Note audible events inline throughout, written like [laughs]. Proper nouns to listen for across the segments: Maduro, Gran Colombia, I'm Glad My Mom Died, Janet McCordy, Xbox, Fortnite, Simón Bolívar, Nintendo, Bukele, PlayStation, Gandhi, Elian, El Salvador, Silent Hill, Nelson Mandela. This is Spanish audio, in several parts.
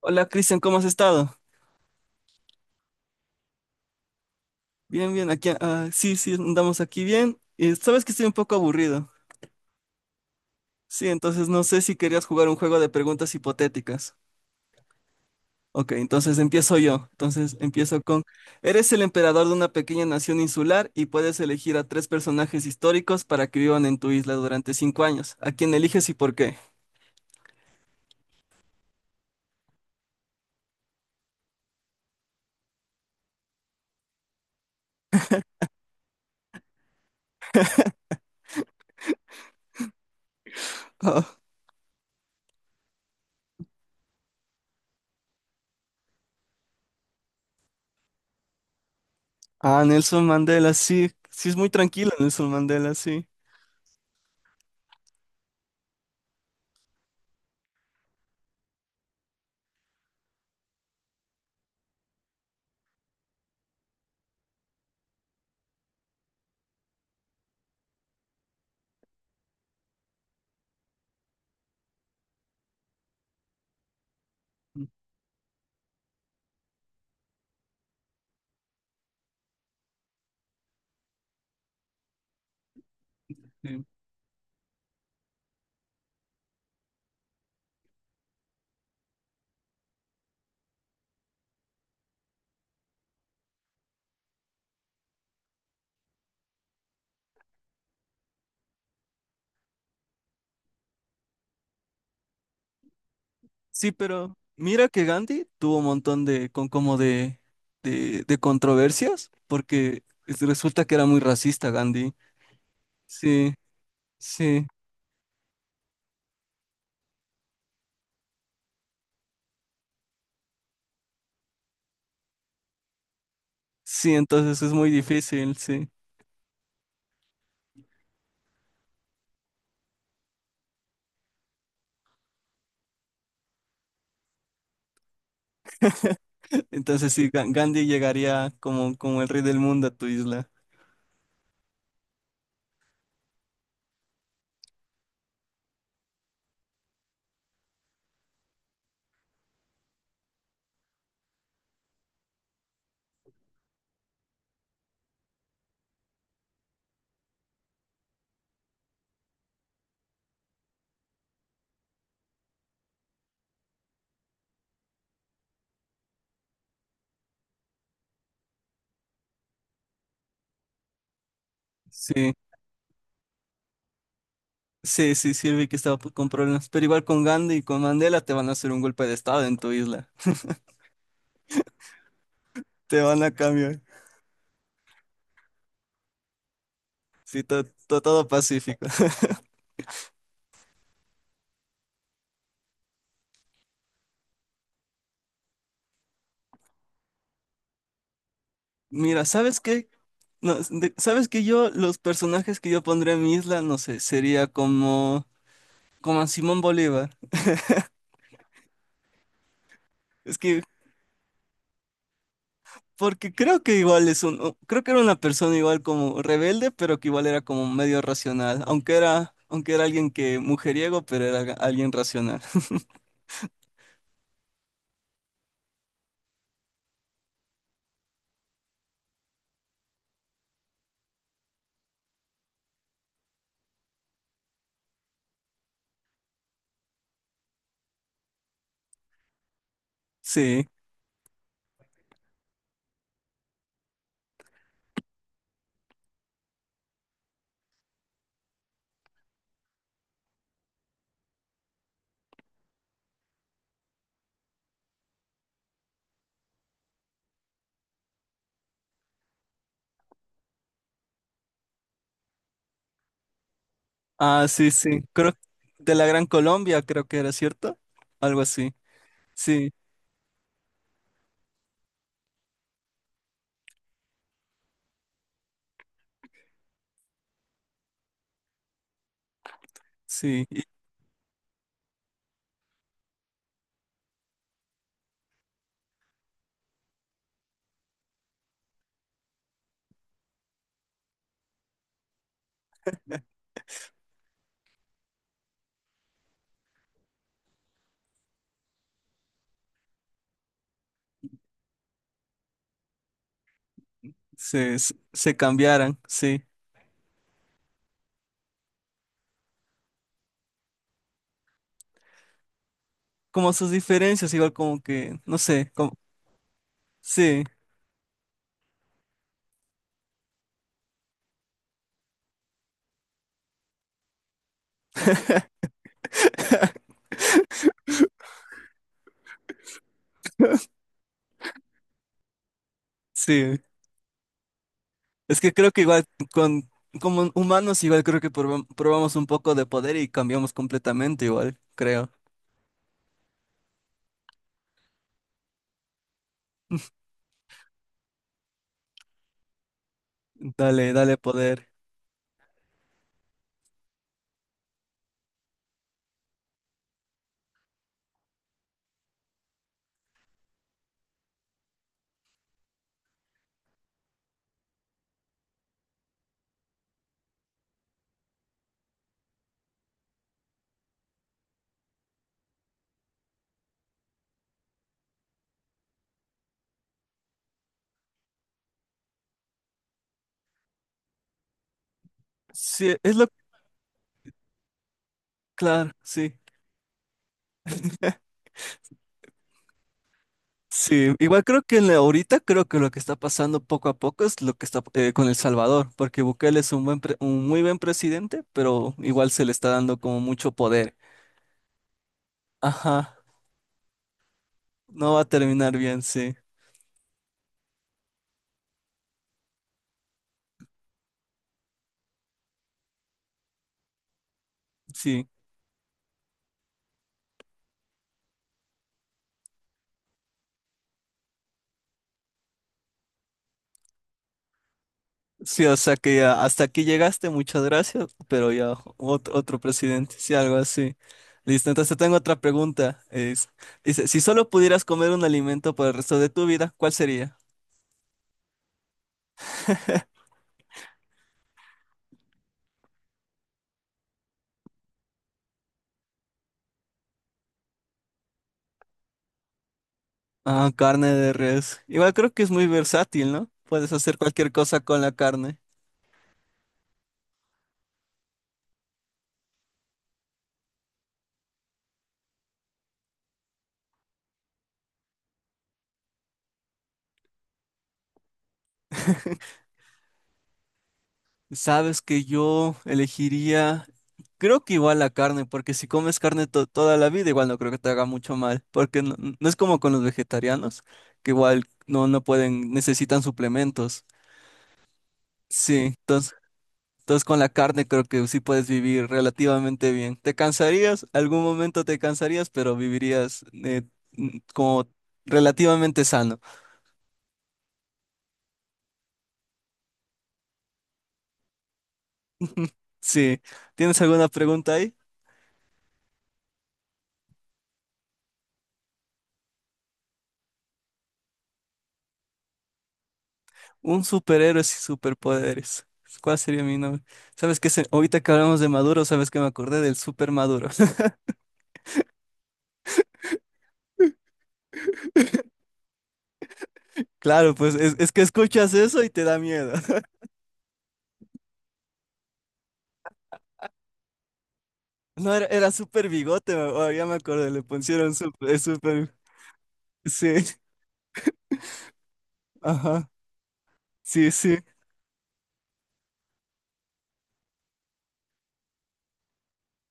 Hola Cristian, ¿cómo has estado? Bien, bien, aquí, sí, sí, andamos aquí bien. Y sabes que estoy un poco aburrido. Sí, entonces no sé si querías jugar un juego de preguntas hipotéticas. Ok, entonces empiezo yo. Entonces empiezo con, eres el emperador de una pequeña nación insular y puedes elegir a tres personajes históricos para que vivan en tu isla durante cinco años. ¿A quién eliges y por qué? [laughs] Ah, Nelson Mandela, sí, sí es muy tranquilo Nelson Mandela, sí. Sí. Sí, pero mira que Gandhi tuvo un montón de, con como de, de controversias, porque resulta que era muy racista Gandhi. Sí, sí, sí, entonces es muy difícil, sí. Entonces sí, Gandhi llegaría como, como el rey del mundo a tu isla. Sí, sí, sí, sí, vi que estaba con problemas. Pero igual con Gandhi y con Mandela te van a hacer un golpe de estado en tu isla. Te van a cambiar. Sí, todo, pacífico. Mira, ¿sabes qué? No, ¿sabes qué? Yo, los personajes que yo pondría en mi isla, no sé, sería como, como a Simón Bolívar. Es que, porque creo que igual es un, creo que era una persona igual como rebelde, pero que igual era como medio racional, aunque era alguien que mujeriego, pero era alguien racional. [laughs] Sí, ah, sí, sí, creo de la Gran Colombia, creo que era, ¿cierto? Algo así, sí, sí, y se, se cambiaran, sí. Como sus diferencias, igual como que, no sé, como, sí, sí. Es que creo que igual con, como humanos, igual creo que probamos un poco de poder y cambiamos completamente, igual, creo. Dale, dale poder. Sí, es lo, claro, sí. [laughs] Sí, igual creo que en ahorita creo que lo que está pasando poco a poco es lo que está con El Salvador, porque Bukele es un buen un muy buen presidente, pero igual se le está dando como mucho poder. Ajá, no va a terminar bien, sí, sí. Sí, o sea que ya hasta aquí llegaste, muchas gracias, pero ya otro, otro presidente, sí, algo así. Listo, entonces tengo otra pregunta. Es, dice, si solo pudieras comer un alimento por el resto de tu vida, ¿cuál sería? Ah, carne de res. Igual creo que es muy versátil, ¿no? Puedes hacer cualquier cosa con la carne. Sabes que yo elegiría, creo que igual la carne, porque si comes carne toda la vida, igual no creo que te haga mucho mal, porque no, no es como con los vegetarianos, que igual no, no pueden, necesitan suplementos. Sí, entonces, entonces con la carne creo que sí puedes vivir relativamente bien. Te cansarías, algún momento te cansarías, pero vivirías como relativamente sano. Sí, ¿tienes alguna pregunta ahí? Un superhéroe sin superpoderes. ¿Cuál sería mi nombre? ¿Sabes qué? Ahorita que hablamos de Maduro, ¿sabes que me acordé del super Maduro? [laughs] Claro, pues es que escuchas eso y te da miedo. [laughs] No, era, era super bigote, oh, ya me acordé, le pusieron super, super, sí, [laughs] ajá, sí, sí.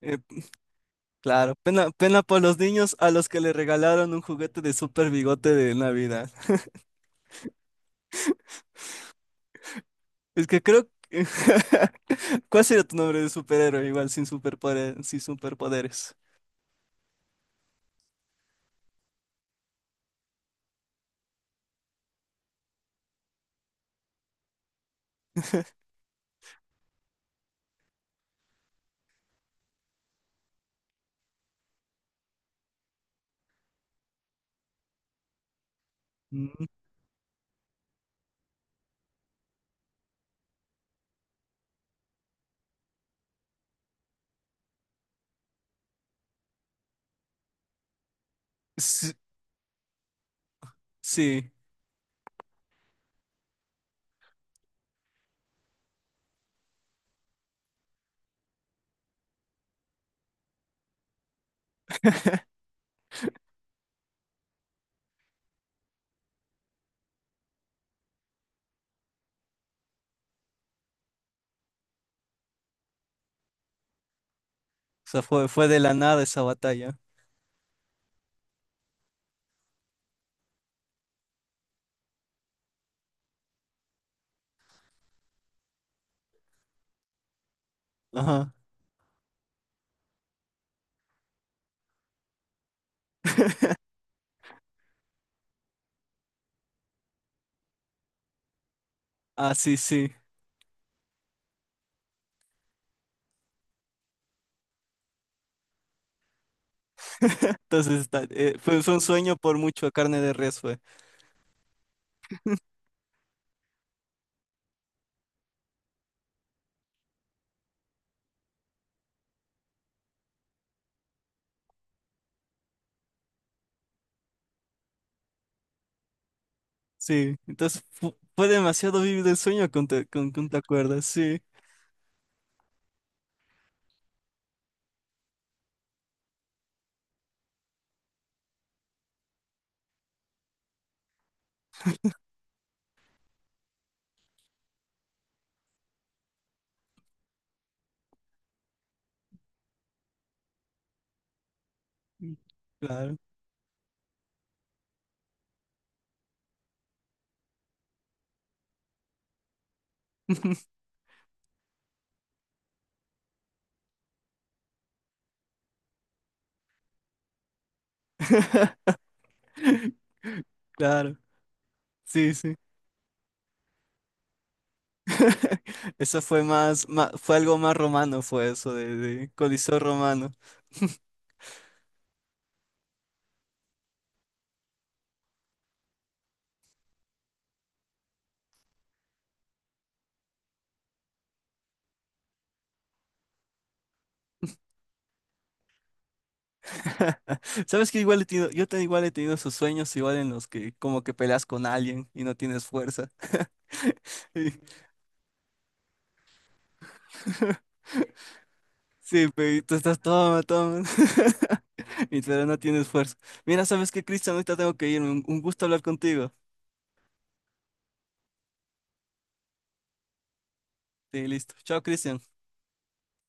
Eh, claro, pena, pena por los niños a los que le regalaron un juguete de super bigote de Navidad. Es que creo que- [laughs] ¿Cuál sería tu nombre de superhéroe? Igual sin superpoder, sin superpoderes. Mm. Sí, o sea, fue, fue de la nada esa batalla. Ajá. Ah, sí, sí. Entonces, fue, fue un sueño por mucho a carne de res, fue. Sí, entonces fue, demasiado vivido el sueño con, con te acuerdas, sí. Mm, claro. [laughs] Claro, sí, sí. [laughs] Eso fue más, fue algo más romano, fue eso, de Coliseo romano. [laughs] [laughs] Sabes que igual he tenido, yo te, igual he tenido esos sueños igual en los que como que peleas con alguien y no tienes fuerza. [laughs] Y- Sí, pero y tú estás toma, toma. [laughs] Y pero no tienes fuerza. Mira, ¿sabes qué, Cristian? Ahorita tengo que irme. Un gusto hablar contigo. Sí, listo. Chao, Cristian.